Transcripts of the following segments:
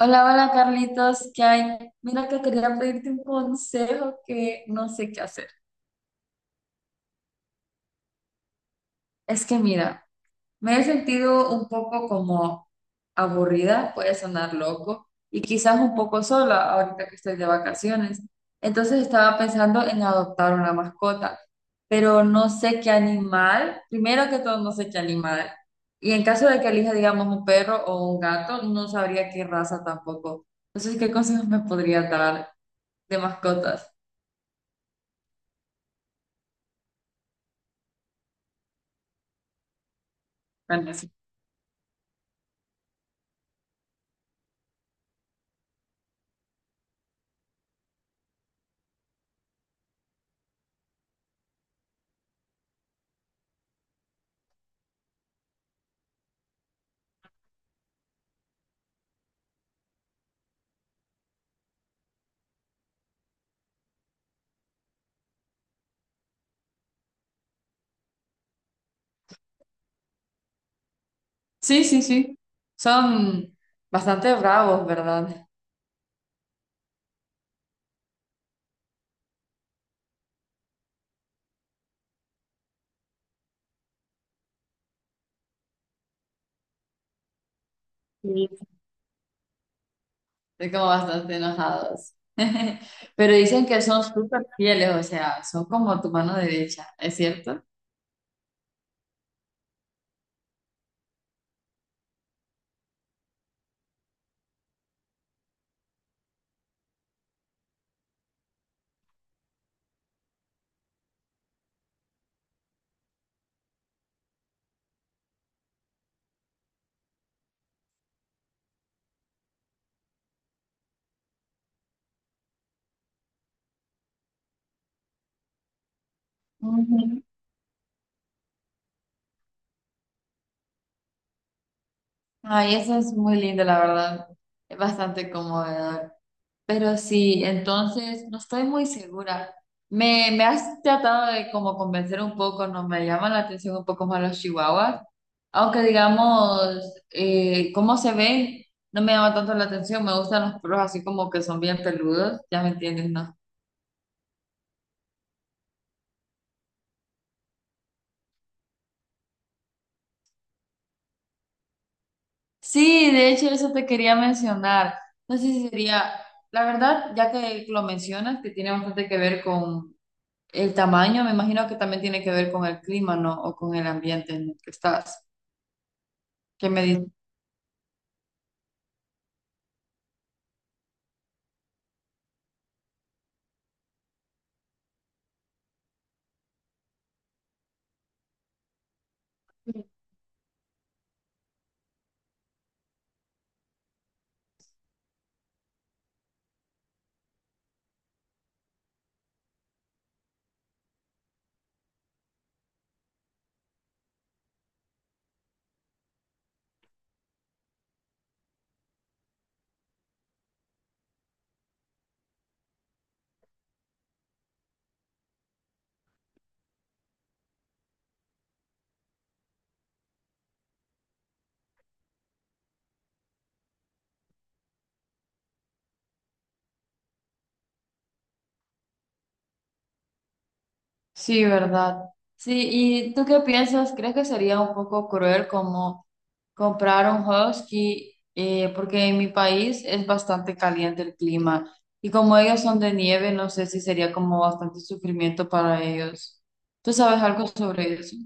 Hola, hola Carlitos, ¿qué hay? Mira que quería pedirte un consejo que no sé qué hacer. Es que mira, me he sentido un poco como aburrida, puede sonar loco, y quizás un poco sola ahorita que estoy de vacaciones. Entonces estaba pensando en adoptar una mascota, pero no sé qué animal, primero que todo no sé qué animal, y en caso de que elija, digamos, un perro o un gato, no sabría qué raza tampoco. Entonces, ¿qué consejos me podría dar de mascotas? Bueno, sí. Sí, sí, sí. Son bastante bravos, ¿verdad? Sí. Estoy como bastante enojados. Pero dicen que son súper fieles, o sea, son como tu mano derecha, ¿es cierto? Ujú. Ay, eso es muy lindo, la verdad. Es bastante cómodo. Pero sí, entonces no estoy muy segura. Me has tratado de como convencer un poco, no me llaman la atención un poco más los chihuahuas, aunque digamos, cómo se ven, no me llama tanto la atención, me gustan los perros así como que son bien peludos, ya me entiendes, ¿no? Sí, de hecho eso te quería mencionar. No sé si sería, la verdad, ya que lo mencionas, que tiene bastante que ver con el tamaño, me imagino que también tiene que ver con el clima, ¿no? O con el ambiente en el que estás. ¿Qué me dices? Sí, ¿verdad? Sí, ¿y tú qué piensas? ¿Crees que sería un poco cruel como comprar un husky? Porque en mi país es bastante caliente el clima y como ellos son de nieve, no sé si sería como bastante sufrimiento para ellos. ¿Tú sabes algo sobre eso?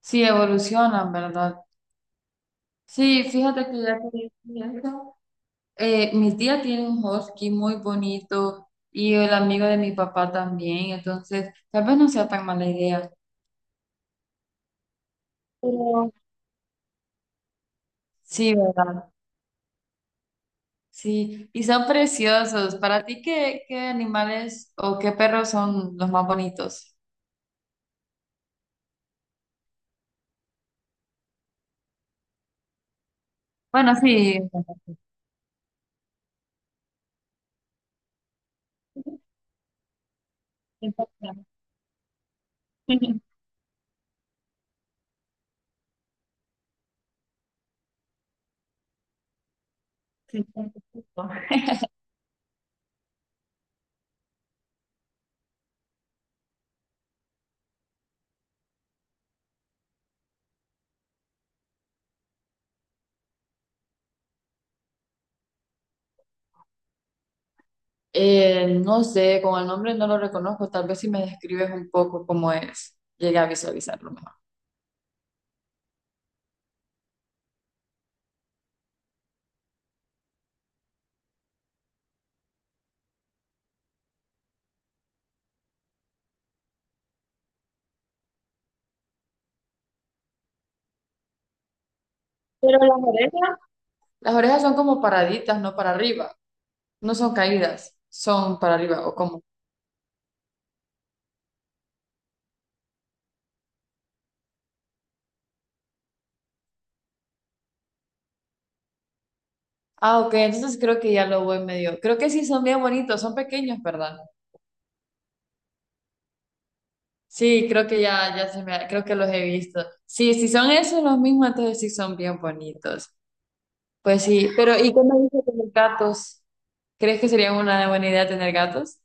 Sí, evolucionan, ¿verdad? Sí, fíjate que ya que dije eso, mi tía tiene un husky muy bonito y el amigo de mi papá también, entonces tal vez no sea tan mala idea. Sí, ¿verdad? Sí, y son preciosos. ¿Para ti qué, qué animales o qué perros son los más bonitos? Bueno, sí. Sí. No sé, con el nombre no lo reconozco. Tal vez si me describes un poco cómo es, llegué a visualizarlo mejor. Pero las orejas. Las orejas son como paraditas, no para arriba. No son caídas, son para arriba o como. Ah, ok, entonces creo que ya lo voy medio. Creo que sí son bien bonitos, son pequeños, ¿verdad? Sí, creo que ya se me, creo que los he visto. Sí, si son esos los mismos, entonces sí son bien bonitos. Pues sí, pero ¿y qué me dices de los gatos? ¿Crees que sería una buena idea tener gatos?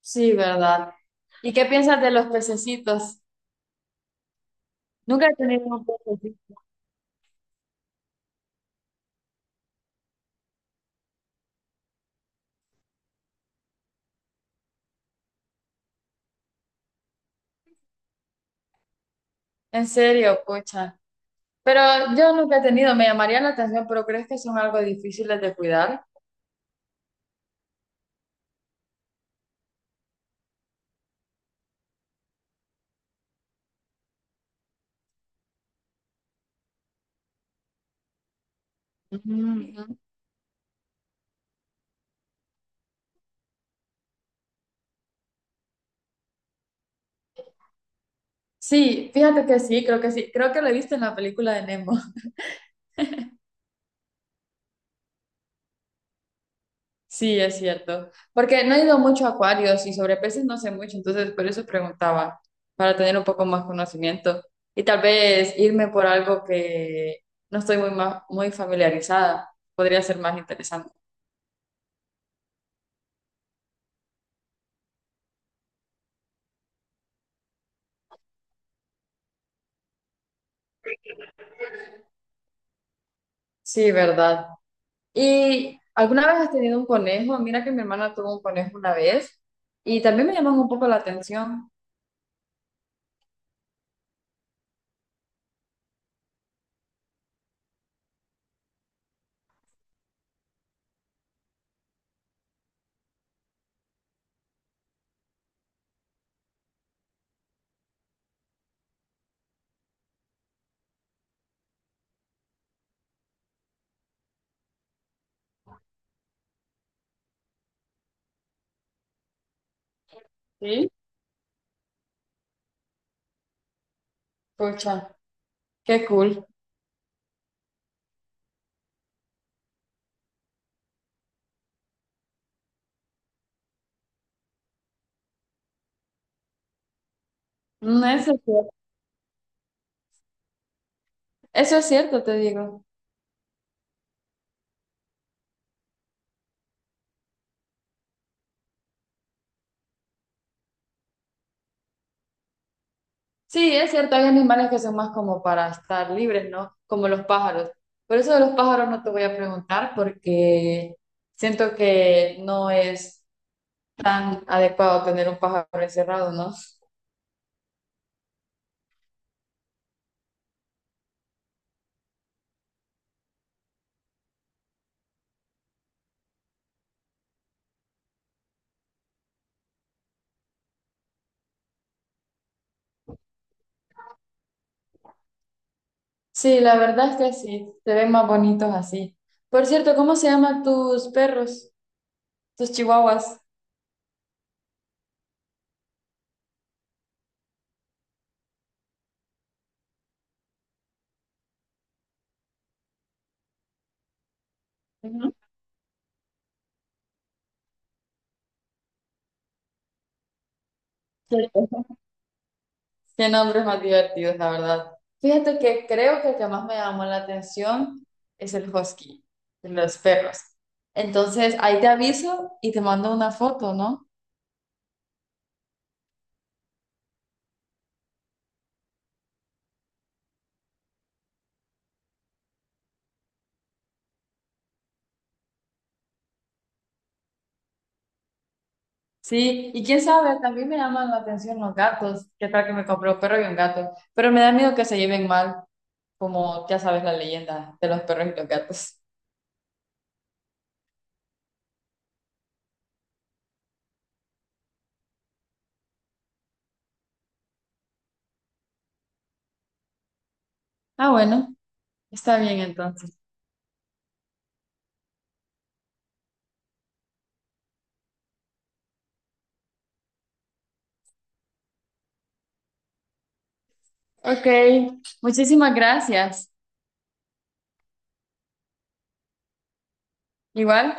Sí, ¿verdad? ¿Y qué piensas de los pececitos? Nunca he tenido un pececito. En serio, pucha. Pero yo nunca he tenido, me llamaría la atención, pero ¿crees que son algo difíciles de cuidar? Ujú, ujú. Sí, fíjate que sí, creo que sí. Creo que lo he visto en la película de Nemo. Sí, es cierto. Porque no he ido mucho a acuarios y sobre peces no sé mucho, entonces por eso preguntaba, para tener un poco más conocimiento y tal vez irme por algo que no estoy muy familiarizada. Podría ser más interesante. Sí, verdad. ¿Y alguna vez has tenido un conejo? Mira que mi hermana tuvo un conejo una vez y también me llamó un poco la atención. Sí. Pucha, qué cool. Mm, eso es cierto, eso es cierto, te digo. Sí, es cierto, hay animales que son más como para estar libres, ¿no? Como los pájaros. Por eso de los pájaros no te voy a preguntar porque siento que no es tan adecuado tener un pájaro encerrado, ¿no? Sí, la verdad es que sí, se ven más bonitos así. Por cierto, ¿cómo se llaman tus perros, tus chihuahuas? Ujú. Qué nombres más divertidos, la verdad. Fíjate que creo que el que más me llamó la atención es el husky, de los perros. Entonces, ahí te aviso y te mando una foto, ¿no? Sí, y quién sabe, también me llaman la atención los gatos. ¿Qué tal que me compré un perro y un gato? Pero me da miedo que se lleven mal, como ya sabes la leyenda de los perros y los gatos. Ah, bueno, está bien entonces. Ok, muchísimas gracias. Igual.